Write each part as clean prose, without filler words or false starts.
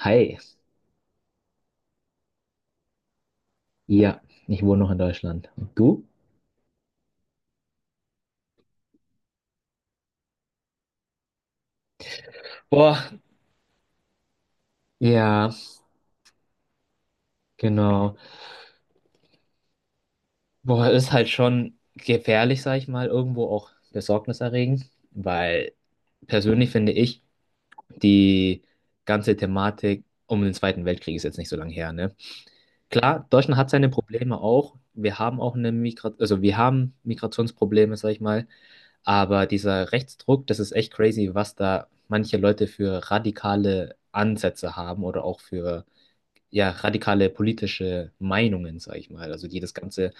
Hi. Ja, ich wohne noch in Deutschland. Und du? Boah, ja, genau. Boah, ist halt schon gefährlich, sag ich mal, irgendwo auch besorgniserregend, weil persönlich finde ich, die ganze Thematik um den Zweiten Weltkrieg ist jetzt nicht so lange her, ne? Klar, Deutschland hat seine Probleme auch. Wir haben auch eine Migra also wir haben Migrationsprobleme, sag ich mal, aber dieser Rechtsdruck, das ist echt crazy, was da manche Leute für radikale Ansätze haben oder auch für, ja, radikale politische Meinungen, sag ich mal. Also die das Ganze,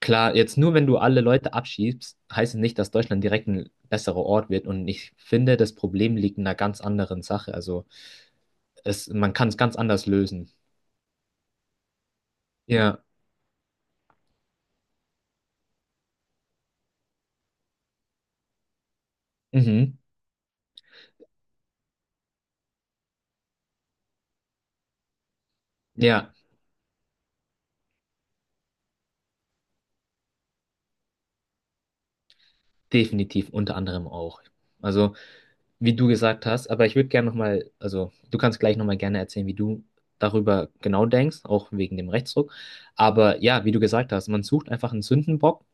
klar, jetzt nur wenn du alle Leute abschiebst, heißt es nicht, dass Deutschland direkt ein besserer Ort wird. Und ich finde, das Problem liegt in einer ganz anderen Sache. Also man kann es ganz anders lösen. Ja, mhm. Ja, definitiv, unter anderem auch. Also, wie du gesagt hast, aber ich würde gerne nochmal, also du kannst gleich nochmal gerne erzählen, wie du darüber genau denkst, auch wegen dem Rechtsruck. Aber ja, wie du gesagt hast, man sucht einfach einen Sündenbock,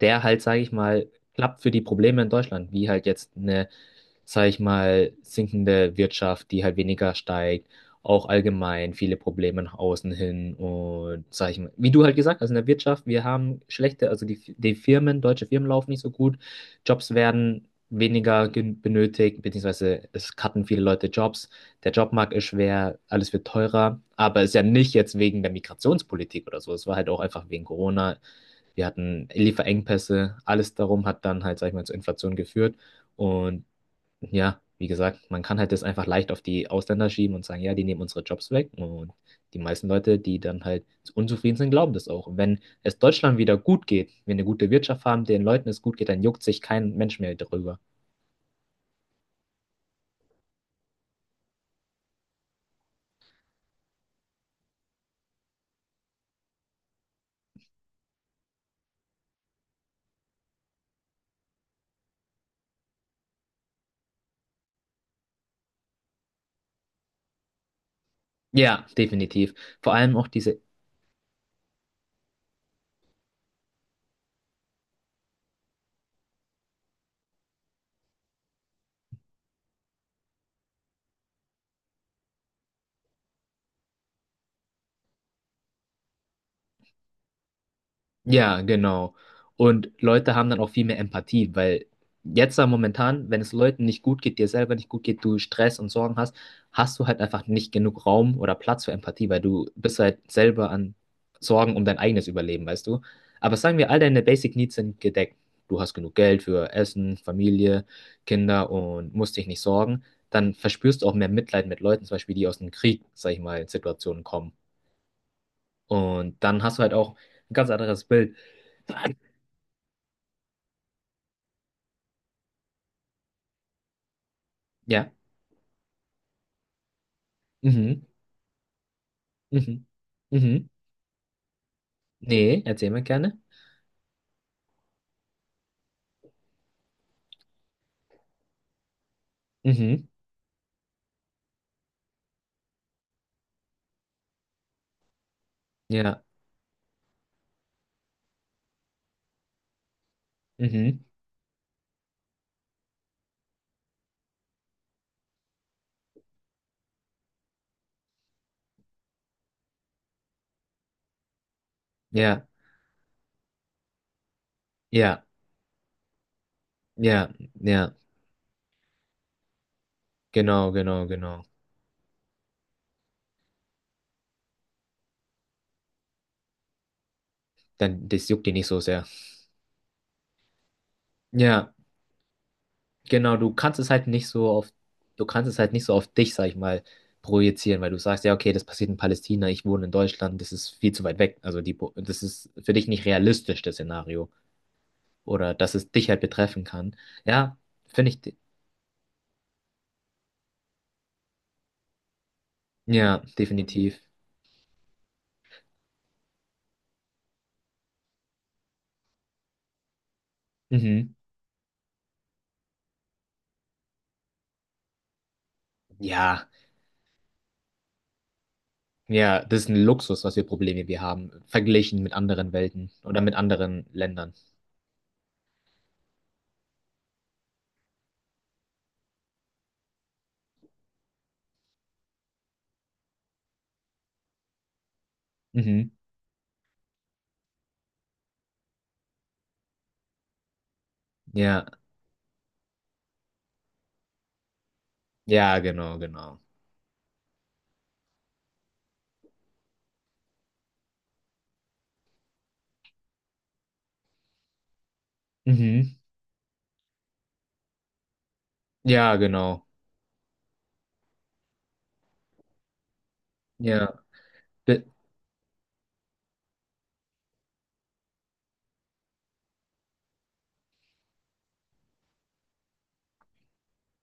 der halt, sage ich mal, klappt für die Probleme in Deutschland, wie halt jetzt eine, sage ich mal, sinkende Wirtschaft, die halt weniger steigt, auch allgemein viele Probleme nach außen hin und, sage ich mal, wie du halt gesagt hast, in der Wirtschaft, wir haben schlechte, also die Firmen, deutsche Firmen laufen nicht so gut, Jobs werden weniger benötigt, beziehungsweise es cutten viele Leute Jobs, der Jobmarkt ist schwer, alles wird teurer, aber es ist ja nicht jetzt wegen der Migrationspolitik oder so, es war halt auch einfach wegen Corona, wir hatten Lieferengpässe, alles darum hat dann halt, sag ich mal, zur Inflation geführt. Und ja, wie gesagt, man kann halt das einfach leicht auf die Ausländer schieben und sagen, ja, die nehmen unsere Jobs weg. Und die meisten Leute, die dann halt unzufrieden sind, glauben das auch. Und wenn es Deutschland wieder gut geht, wenn wir eine gute Wirtschaft haben, den Leuten es gut geht, dann juckt sich kein Mensch mehr darüber. Ja, definitiv. Vor allem auch diese. Ja, genau. Und Leute haben dann auch viel mehr Empathie, weil jetzt da momentan, wenn es Leuten nicht gut geht, dir selber nicht gut geht, du Stress und Sorgen hast, hast du halt einfach nicht genug Raum oder Platz für Empathie, weil du bist halt selber an Sorgen um dein eigenes Überleben, weißt du? Aber sagen wir, all deine Basic Needs sind gedeckt. Du hast genug Geld für Essen, Familie, Kinder und musst dich nicht sorgen. Dann verspürst du auch mehr Mitleid mit Leuten, zum Beispiel, die aus dem Krieg, sag ich mal, Situationen kommen. Und dann hast du halt auch ein ganz anderes Bild. Ja. Mhm. Mhm. Mhm. Nee, erzähl mal gerne. Mhm. Ja. Mhm. Ja. Ja. Ja. Ja. Genau, genau, genau. Dann, das juckt dich nicht so sehr. Ja, genau, du kannst es halt nicht so auf dich, sag ich mal, projizieren, weil du sagst, ja, okay, das passiert in Palästina, ich wohne in Deutschland, das ist viel zu weit weg. Also das ist für dich nicht realistisch, das Szenario. Oder dass es dich halt betreffen kann. Ja, finde ich, ja, definitiv. Mhm. Ja. Ja, das ist ein Luxus, was für Probleme wir haben, verglichen mit anderen Welten oder mit anderen Ländern. Mhm. Ja, ja, genau, genau. Mhm. Ja, genau. Ja, D-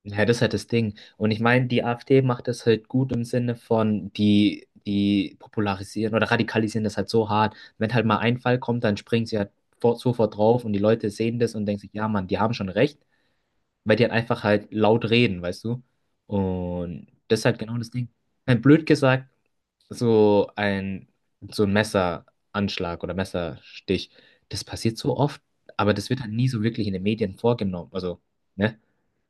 ja, das ist halt das Ding. Und ich meine, die AfD macht das halt gut im Sinne von, die popularisieren oder radikalisieren das halt so hart. Wenn halt mal ein Fall kommt, dann springen sie halt vor, sofort drauf und die Leute sehen das und denken sich, ja, Mann, die haben schon recht, weil die halt einfach halt laut reden, weißt du? Und das ist halt genau das Ding. Blöd gesagt, so ein, so ein Messeranschlag oder Messerstich, das passiert so oft, aber das wird halt nie so wirklich in den Medien vorgenommen. Also, ne?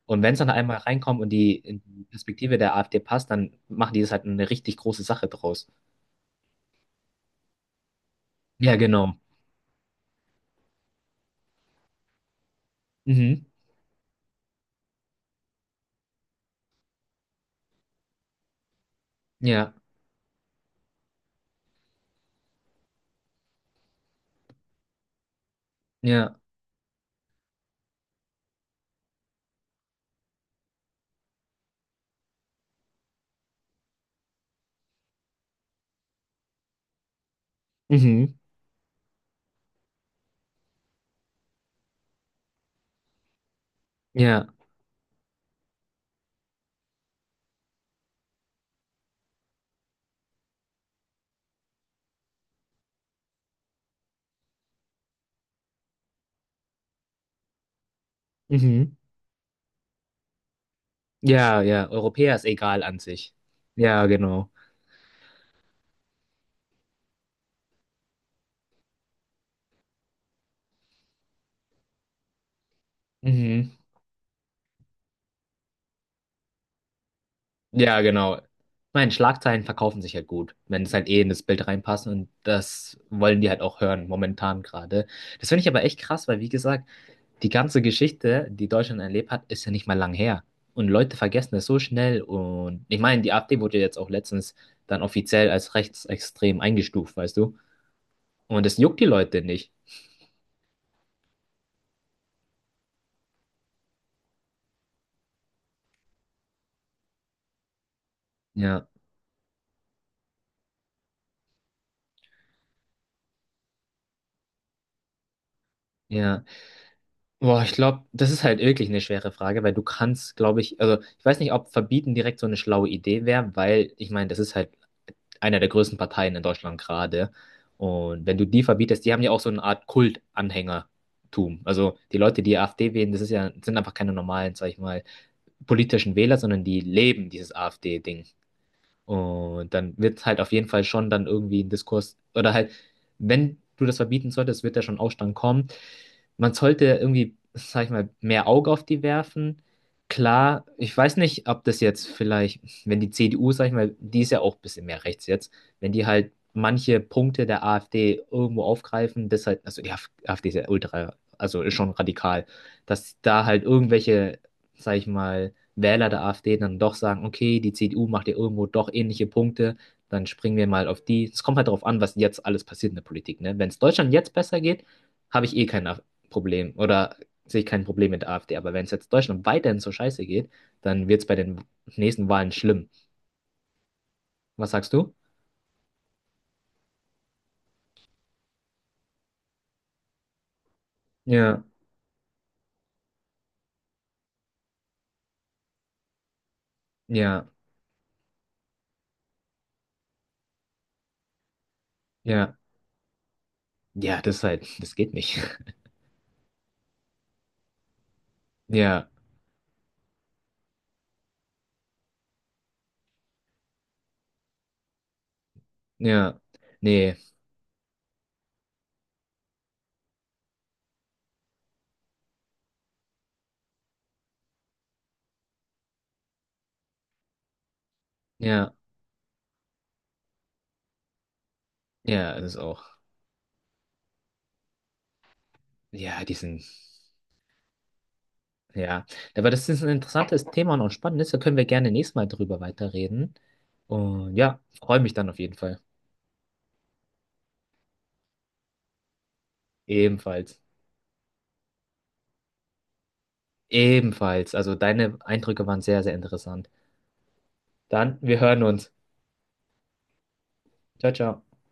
Und wenn es dann einmal reinkommt und in die Perspektive der AfD passt, dann machen die das halt eine richtig große Sache draus. Ja, genau. Mhm. Ja, ja. Mhm. Ja. Mhm. Ja, ja. Europäer ist egal an sich. Ja, genau. Mhm. Ja, genau. Ich meine, Schlagzeilen verkaufen sich halt gut, wenn es halt eh in das Bild reinpasst und das wollen die halt auch hören, momentan gerade. Das finde ich aber echt krass, weil wie gesagt, die ganze Geschichte, die Deutschland erlebt hat, ist ja nicht mal lang her. Und Leute vergessen das so schnell und ich meine, die AfD wurde jetzt auch letztens dann offiziell als rechtsextrem eingestuft, weißt du? Und das juckt die Leute nicht. Ja, ja. Boah, ich glaube, das ist halt wirklich eine schwere Frage, weil du kannst, glaube ich, also ich weiß nicht, ob verbieten direkt so eine schlaue Idee wäre, weil ich meine, das ist halt einer der größten Parteien in Deutschland gerade. Und wenn du die verbietest, die haben ja auch so eine Art Kultanhängertum. Also die Leute, die AfD wählen, das ist ja, sind einfach keine normalen, sag ich mal, politischen Wähler, sondern die leben dieses AfD-Ding. Und dann wird halt auf jeden Fall schon dann irgendwie ein Diskurs, oder halt, wenn du das verbieten solltest, wird da schon Aufstand kommen. Man sollte irgendwie, sag ich mal, mehr Auge auf die werfen. Klar, ich weiß nicht, ob das jetzt vielleicht, wenn die CDU, sag ich mal, die ist ja auch ein bisschen mehr rechts jetzt, wenn die halt manche Punkte der AfD irgendwo aufgreifen, das halt, also die AfD ist ja ultra, also ist schon radikal, dass da halt irgendwelche, sag ich mal, Wähler der AfD dann doch sagen, okay, die CDU macht ja irgendwo doch ähnliche Punkte, dann springen wir mal auf die. Es kommt halt darauf an, was jetzt alles passiert in der Politik, ne? Wenn es Deutschland jetzt besser geht, habe ich eh keine Problem oder sehe ich kein Problem mit der AfD. Aber wenn es jetzt Deutschland weiterhin so scheiße geht, dann wird es bei den nächsten Wahlen schlimm. Was sagst du? Ja, ja, ja, ja, das ist halt, das geht nicht. Ja, ja, nee, ja, ja, das ist auch. Ja, die sind, ja. Aber das ist ein interessantes Thema und auch spannendes. Da können wir gerne nächstes Mal drüber weiterreden. Und ja, freue mich dann auf jeden Fall. Ebenfalls. Ebenfalls. Also deine Eindrücke waren sehr, sehr interessant. Dann, wir hören uns. Ciao, ciao.